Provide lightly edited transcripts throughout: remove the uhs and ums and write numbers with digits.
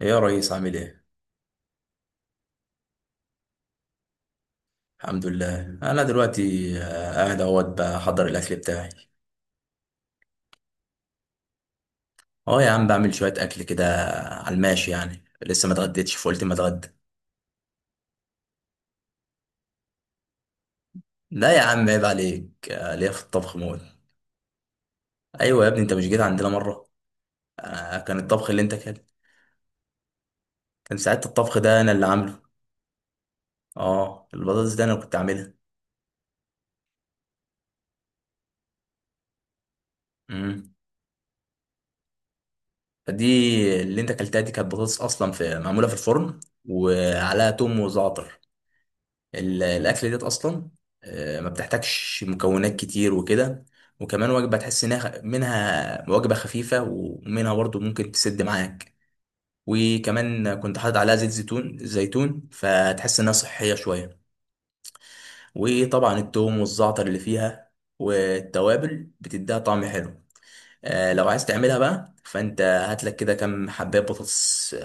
يا ريس عامل ايه؟ الحمد لله انا دلوقتي قاعد اهوت بحضر الاكل بتاعي. اه يا عم بعمل شوية اكل كده على الماشي، يعني لسه ما اتغديتش فقلت ما اتغدى. لا يا عم عيب عليك، ليا في الطبخ موت. ايوه يا ابني، انت مش جيت عندنا مرة؟ آه، كان الطبخ اللي انت كان كان ساعات الطبخ ده انا اللي عامله. اه البطاطس ده انا كنت عاملها. امم فدي اللي انت اكلتها دي كانت بطاطس اصلا في معمولة في الفرن وعليها توم وزعتر. الاكل ديت اصلا ما بتحتاجش مكونات كتير وكده، وكمان وجبه تحس انها منها وجبه خفيفه ومنها برضو ممكن تسد معاك. وكمان كنت حاطط عليها زيت زيتون فتحس انها صحيه شويه، وطبعا التوم والزعتر اللي فيها والتوابل بتديها طعم حلو. لو عايز تعملها بقى فانت هات لك كده كام حبايه بطاطس.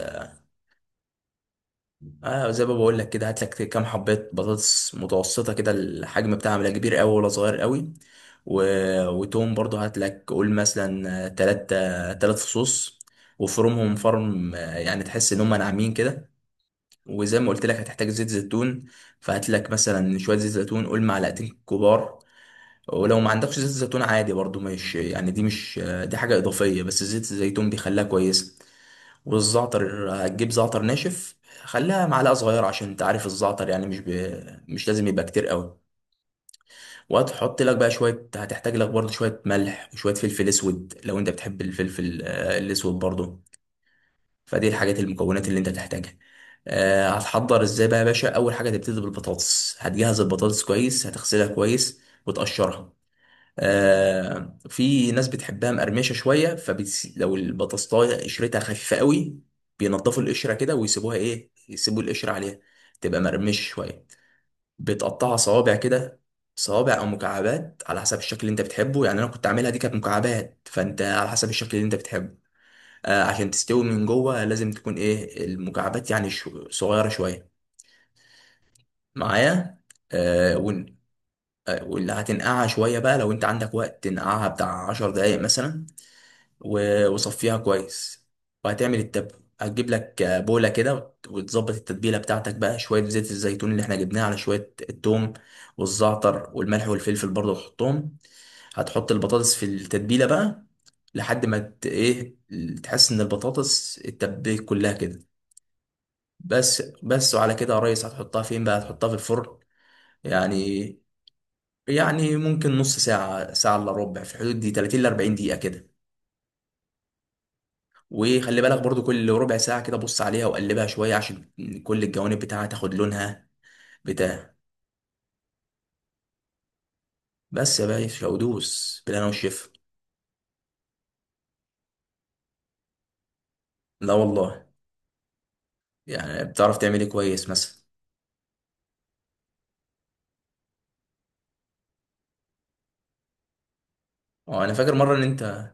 آه زي ما بقول لك كده، هات لك كام حبات بطاطس متوسطه كده، الحجم بتاعها لا كبير قوي ولا صغير قوي. و... وتوم برضو هات لك، قول مثلا تلات، تلات فصوص، وفرمهم فرم يعني تحس ان هم ناعمين كده. وزي ما قلت لك هتحتاج زيت زيتون، فهات لك مثلا شويه زيت زيتون، قول معلقتين كبار. ولو ما عندكش زيت زيتون عادي برضو، مش يعني دي مش آه، دي حاجه اضافيه، بس زيت الزيتون بيخليها كويسه. والزعتر هتجيب زعتر ناشف، خليها معلقه صغيره عشان انت عارف الزعتر يعني مش لازم يبقى كتير قوي. وهتحط لك بقى شويه، هتحتاج لك برضو شويه ملح وشويه فلفل اسود لو انت بتحب الفلفل الاسود برضو. فدي الحاجات المكونات اللي انت تحتاجها. آه، هتحضر ازاي بقى يا باشا؟ اول حاجه تبتدي بالبطاطس، هتجهز البطاطس كويس، هتغسلها كويس وتقشرها. آه في ناس بتحبها مقرمشه شويه لو البطاطسايه قشرتها خفيفه قوي، بينضفوا القشره كده ويسيبوها، ايه، يسيبوا القشره عليها تبقى مقرمشه شويه. بتقطعها صوابع كده، صوابع او مكعبات على حسب الشكل اللي انت بتحبه، يعني انا كنت عاملها دي كانت مكعبات، فانت على حسب الشكل اللي انت بتحبه. آه عشان تستوي من جوه لازم تكون ايه المكعبات يعني صغيره شويه. معايا؟ آه ون... آه، واللي هتنقعها شويه بقى لو انت عندك وقت، تنقعها بتاع 10 دقايق مثلا وصفيها كويس، وهتعمل التب. هتجيب لك بولة كده، وتظبط التتبيلة بتاعتك بقى، شوية زيت الزيتون اللي احنا جبناه على شوية التوم والزعتر والملح والفلفل برضه تحطهم. هتحط البطاطس في التتبيلة بقى لحد ما ايه، تحس ان البطاطس اتبلت كلها كده. بس وعلى كده يا ريس هتحطها فين بقى؟ هتحطها في الفرن يعني. يعني ممكن نص ساعة، ساعة الا ربع، في الحدود دي 30 ل 40 دقيقة كده. وخلي بالك برضو كل ربع ساعة كده بص عليها وقلبها شوية عشان كل الجوانب بتاعها تاخد لونها بتاع. بس يا باشا، ودوس بالهنا والشفا. لا والله، يعني بتعرف تعمل ايه كويس مثلا؟ اه انا فاكر مرة ان انت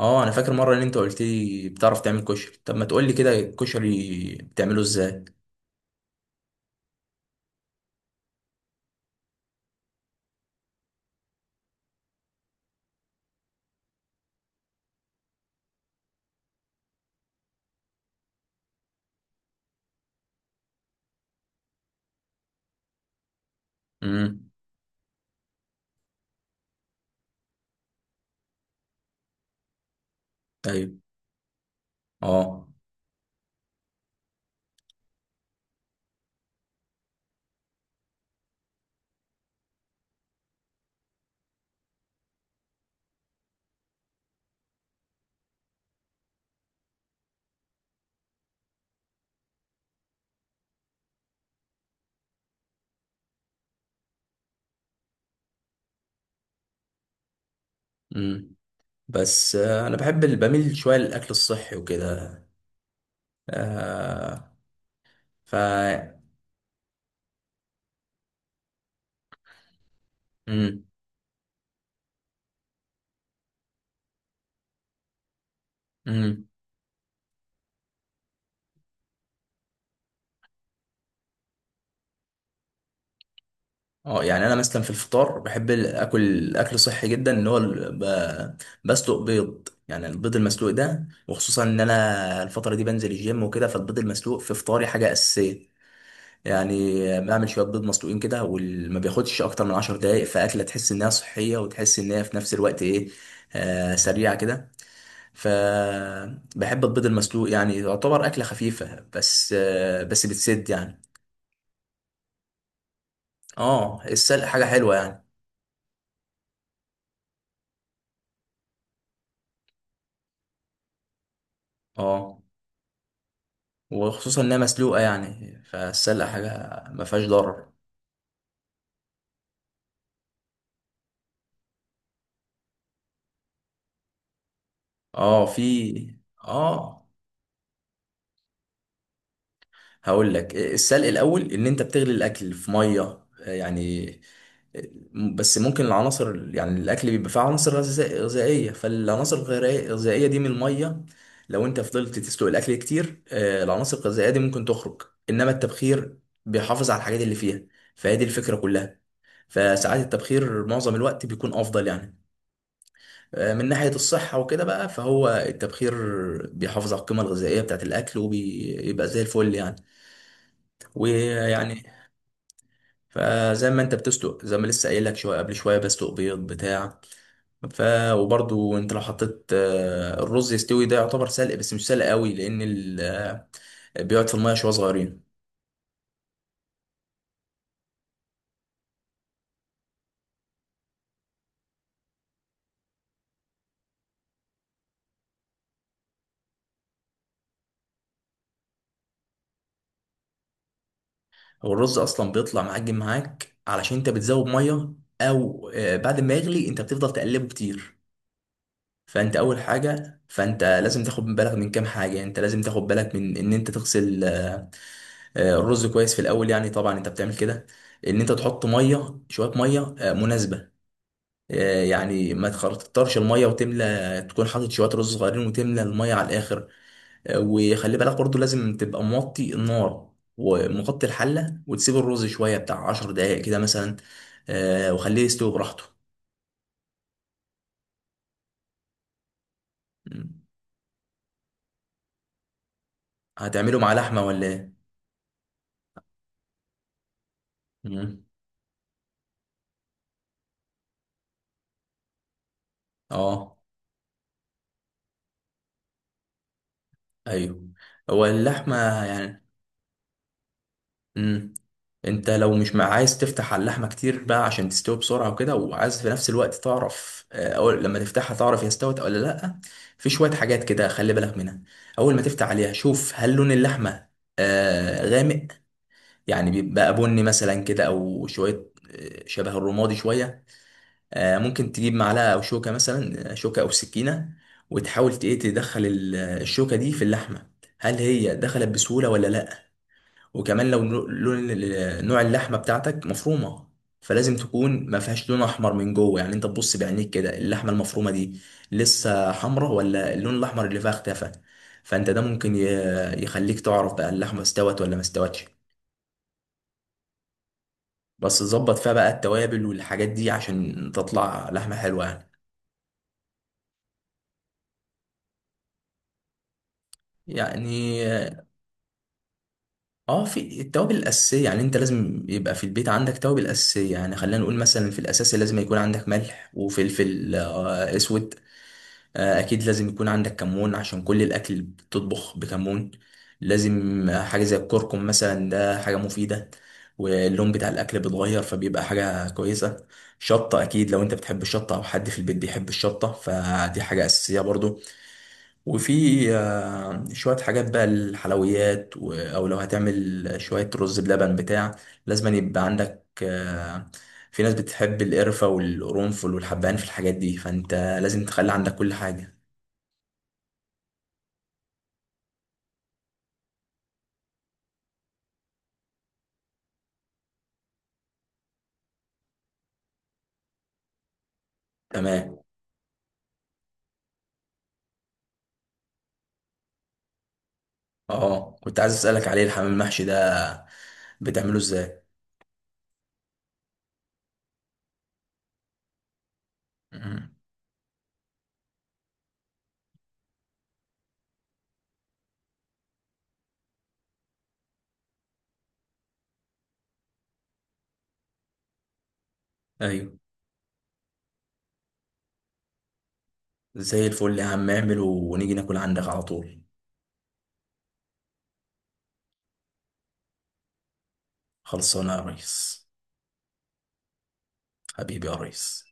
اه انا فاكر مرة ان انت قلت لي بتعرف تعمل كشري، طب ما تقول لي كده الكشري بتعمله ازاي؟ امم. ايوه. اه. امم. بس انا بحب بميل شوية للاكل الصحي وكده. آه. ف. امم. اه يعني انا مثلا في الفطار بحب اكل صحي جدا، اللي هو بسلق بيض، يعني البيض المسلوق ده، وخصوصا ان انا الفتره دي بنزل الجيم وكده، فالبيض المسلوق في فطاري حاجه اساسيه. يعني بعمل شويه بيض مسلوقين كده وما بياخدش اكتر من 10 دقائق، فاكله تحس انها صحيه وتحس ان هي في نفس الوقت ايه، آه سريعه كده. فبحب البيض المسلوق، يعني يعتبر اكله خفيفه بس آه بس بتسد يعني. اه السلق حاجه حلوه يعني. اه وخصوصا انها مسلوقه يعني، فالسلق حاجه ما فيهاش ضرر. اه في. اه هقول لك، السلق الاول ان انت بتغلي الاكل في ميه يعني، بس ممكن العناصر، يعني الاكل بيبقى فيه عناصر غذائيه، فالعناصر الغذائيه دي من الميه لو انت فضلت تسلق الاكل كتير العناصر الغذائيه دي ممكن تخرج. انما التبخير بيحافظ على الحاجات اللي فيها، فهي دي الفكره كلها. فساعات التبخير معظم الوقت بيكون افضل يعني، من ناحية الصحة وكده بقى. فهو التبخير بيحافظ على القيمة الغذائية بتاعة الأكل وبيبقى زي الفل يعني. ويعني، فزي ما انت بتسلق زي ما لسه قايل لك شوية قبل شوية بسلق بيض بتاع. ف. وبرضو انت لو حطيت الرز يستوي، ده يعتبر سلق بس مش سلق قوي لأن بيقعد في المية شوية صغيرين. هو الرز أصلا بيطلع معجن معاك علشان انت بتزود مية، أو بعد ما يغلي انت بتفضل تقلبه كتير. فانت اول حاجه فانت لازم تاخد بالك من كام حاجه، انت لازم تاخد بالك من ان انت تغسل الرز كويس في الاول، يعني طبعا انت بتعمل كده. ان انت تحط ميه، شويه ميه مناسبه، يعني ما تكترش الميه وتملى، تكون حاطط شويه رز صغيرين وتملى الميه على الاخر. وخلي بالك برضو لازم تبقى موطي النار ومغطي الحله وتسيب الرز شويه بتاع 10 دقائق كده مثلا، وخليه يستوي براحته. مم. هتعمله مع لحمه ولا ايه؟ مم. اه. ايوه. هو اللحمه يعني. امم. انت لو مش مع عايز تفتح على اللحمه كتير بقى عشان تستوي بسرعه وكده، وعايز في نفس الوقت تعرف او لما تفتحها تعرف هي استوت ولا لا، في شويه حاجات كده خلي بالك منها. اول ما تفتح عليها شوف هل لون اللحمه غامق، يعني بيبقى بني مثلا كده او شويه شبه الرمادي شويه. آه ممكن تجيب معلقه او شوكه مثلا، شوكه او سكينه، وتحاول ايه تدخل الشوكه دي في اللحمه، هل هي دخلت بسهوله ولا لا. وكمان لو نوع اللحمه بتاعتك مفرومه، فلازم تكون ما فيهاش لون احمر من جوه، يعني انت تبص بعينيك كده اللحمه المفرومه دي لسه حمراء ولا اللون الاحمر اللي فيها اختفى. فانت ده ممكن يخليك تعرف بقى اللحمه استوت ولا ما استوتش. بس تظبط فيها بقى التوابل والحاجات دي عشان تطلع لحمه حلوه يعني. يعني اه في التوابل الاساسيه، يعني انت لازم يبقى في البيت عندك توابل اساسيه، يعني خلينا نقول مثلا في الاساسي لازم يكون عندك ملح وفلفل اسود. اكيد لازم يكون عندك كمون عشان كل الاكل اللي بتطبخ بكمون. لازم حاجه زي الكركم مثلا، ده حاجه مفيده واللون بتاع الاكل بيتغير فبيبقى حاجه كويسه. شطه اكيد لو انت بتحب الشطه او حد في البيت بيحب الشطه فدي حاجه اساسيه برضو. وفي شويه حاجات بقى الحلويات او لو هتعمل شويه رز بلبن بتاع، لازم يبقى عندك في ناس بتحب القرفة والقرنفل والحبهان في الحاجات دي، فانت لازم تخلي عندك كل حاجة. تمام. اه كنت عايز اسالك عليه، الحمام المحشي ده بتعمله ازاي؟ مم. ايوه زي الفل يا عم، اعمله ونيجي ناكل عندك على طول. خلصانه يا ريس. حبيبي يا ريس.